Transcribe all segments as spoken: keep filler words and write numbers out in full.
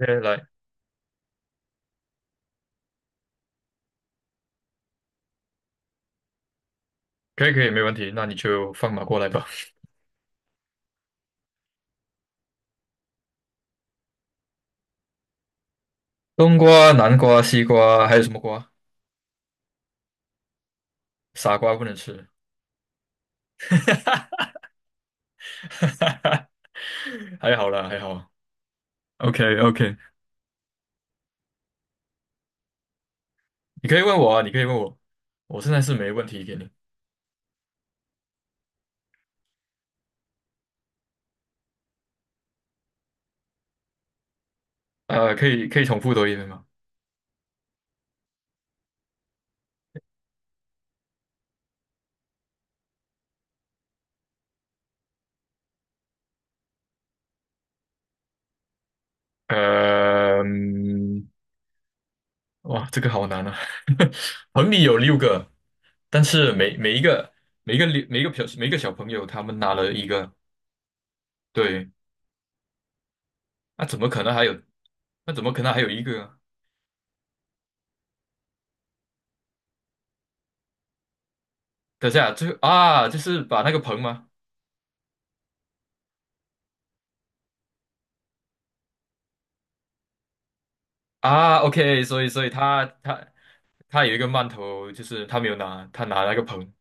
OK,来，可以可以，没问题，那你就放马过来吧。冬瓜、南瓜、西瓜，还有什么瓜？傻瓜不能吃。还好啦，还好。OK OK,你可以问我啊，你可以问我，我现在是没问题给你。呃，可以可以重复多一遍吗？呃，嗯哇，这个好难啊！棚里有六个，但是每每一个每一个六每一个小每一个小朋友他们拿了一个，对，那怎么可能还有？那怎么可能还有一个啊？等下，最后啊，就是把那个盆吗？啊，OK,所以所以他他他有一个曼头，就是他没有拿，他拿那个盆。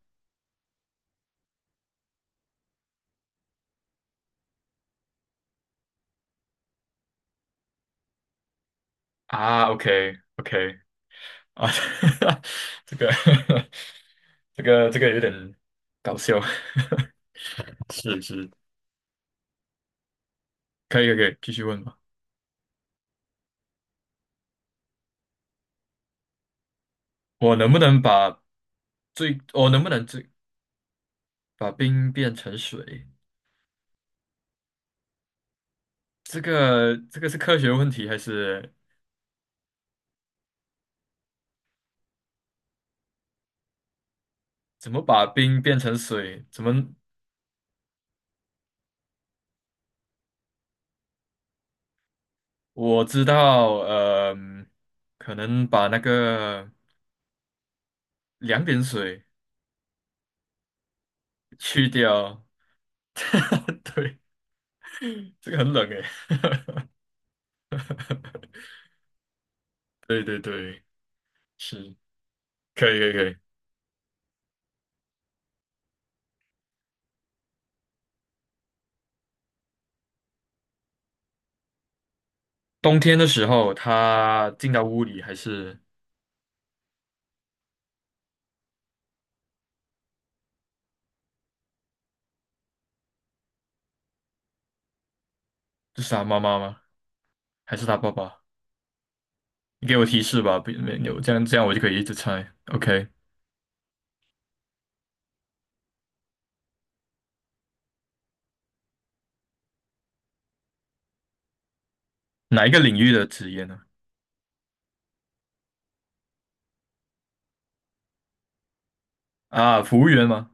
啊，OK OK。 啊，这个 这个这个有点搞笑，是是，可以可以，继续问吧。我能不能把最我能不能最把冰变成水？这个这个是科学问题还是怎么把冰变成水？怎么我知道，呃，可能把那个两点水去掉。对，这个很冷诶。对对对，是，可以可以可以。冬天的时候，他进到屋里还是就是他妈妈吗？还是他爸爸？你给我提示吧，不没有这样这样我就可以一直猜。OK,哪一个领域的职业呢？啊，服务员吗？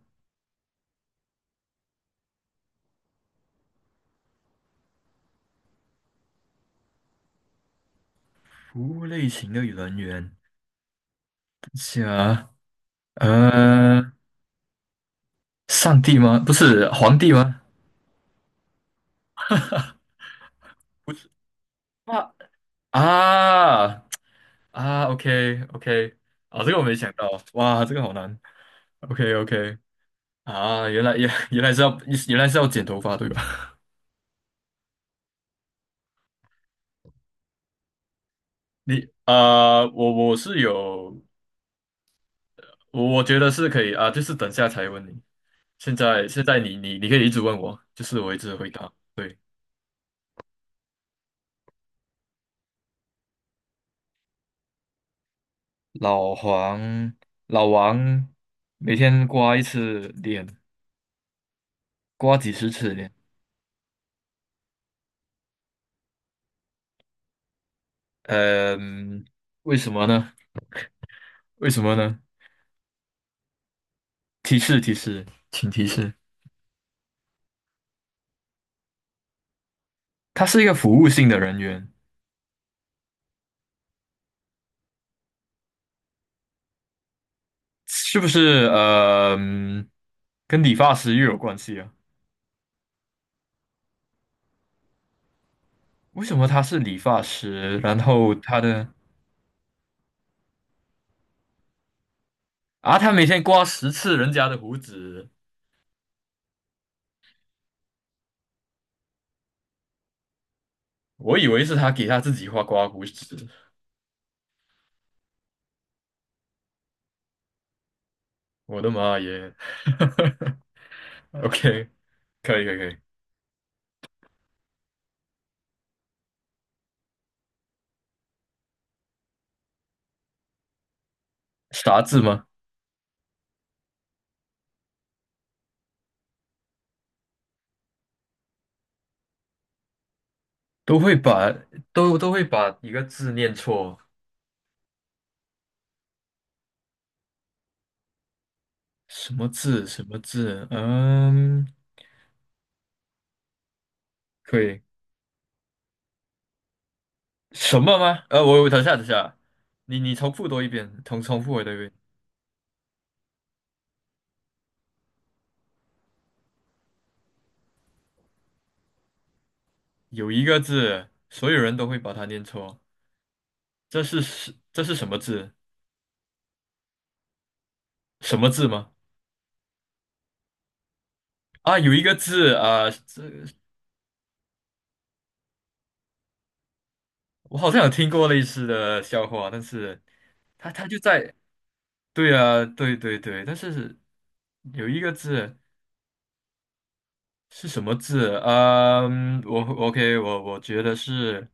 服务类型的人员。等一下啊，嗯呃，上帝吗？不是皇帝吗？不是，啊，啊，啊！OK OK,啊，这个我没想到，哇，这个好难。OK OK,啊，原来也原来是要原来是要剪头发对吧？你啊、我我是有，我我觉得是可以啊，就是等下才问你。现在现在你你你可以一直问我，就是我一直回答。对，老黄老王每天刮一次脸，刮几十次脸。嗯，为什么呢？为什么呢？提示提示，请提示。他是一个服务性的人员，是不是？呃，嗯跟理发师又有关系啊？为什么他是理发师？然后他的啊，他每天刮十次人家的胡子，我以为是他给他自己画刮胡子。我的妈耶 ！OK,可以可以可以，啥字吗？都会把都都会把一个字念错，什么字什么字？嗯，可以。什么吗？呃，我我等下等下，你你重复多一遍，重重复我多一遍。有一个字，所有人都会把它念错，这是是这是什么字？什么字吗？啊，有一个字啊，这我好像有听过类似的笑话，但是它它就在，对啊，对对对，但是有一个字是什么字？嗯，我 OK,我我觉得是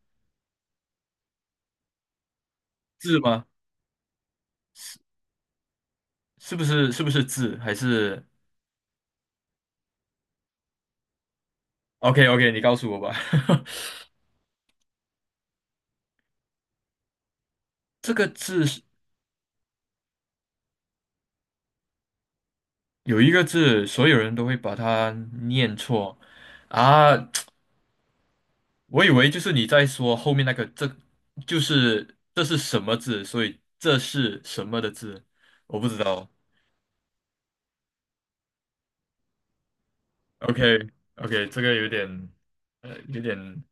字吗？是不是是不是字？还是 OK OK,你告诉我吧。这个字是。有一个字，所有人都会把它念错啊！我以为就是你在说后面那个，这就是这是什么字，所以这是什么的字，我不知道。OK OK,这个有点呃，有点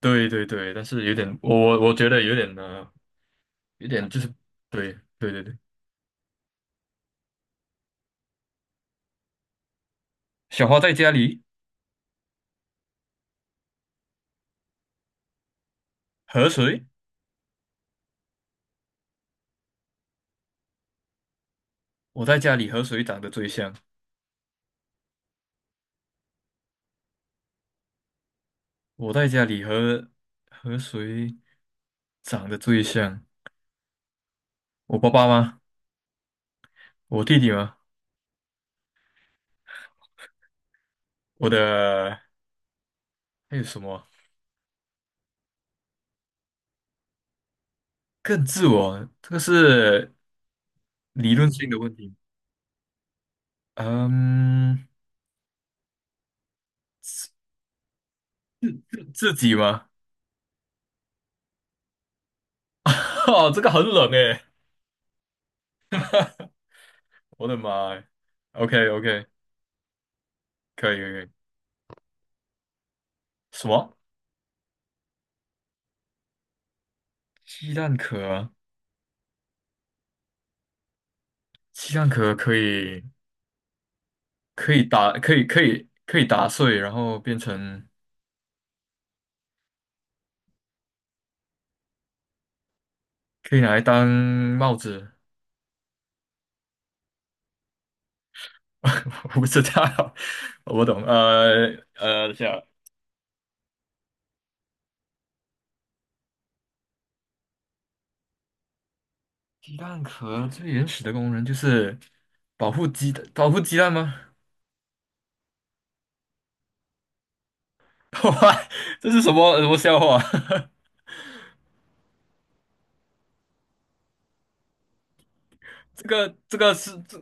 对对对，但是有点我我我觉得有点呃，有点就是对对对对。小花在家里和谁？我在家里和谁长得最像？我在家里和和谁长得最像？我爸爸吗？我弟弟吗？我的还有什么更自我？这个是理论性的问题。嗯，自自己吗？哦，这个很冷诶，我的妈呀 o k OK,可以可以。可以什么？鸡蛋壳啊？鸡蛋壳可以可以打可以可以可以打碎，然后变成可以拿来当帽子。我不知道，我不懂。呃呃，这一下鸡蛋壳最原始的功能就是保护鸡的保护鸡蛋吗？哇，这是什么什么笑话？这个这个是这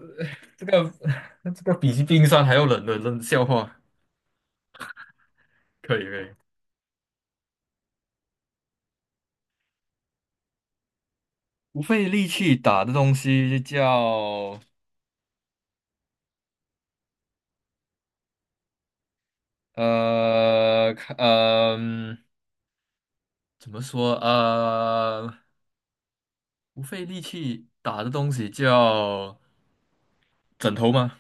这个 这个比冰山还要冷的冷笑话，可以可以。不费力气打的东西叫呃看呃嗯怎么说呃不费力气打的东西叫枕头吗？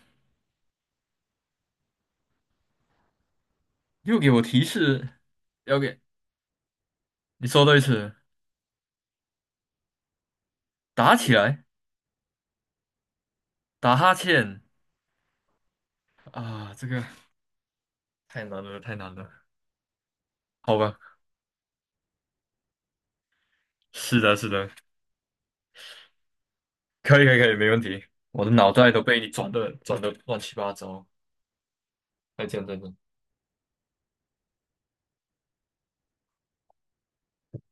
又给我提示，要给你说多一次，打起来。打哈欠啊，这个太难了，太难了。好吧，是的，是的，可以，可以，可以，没问题。我的脑袋都被你转的转的乱七八糟。再见，再见。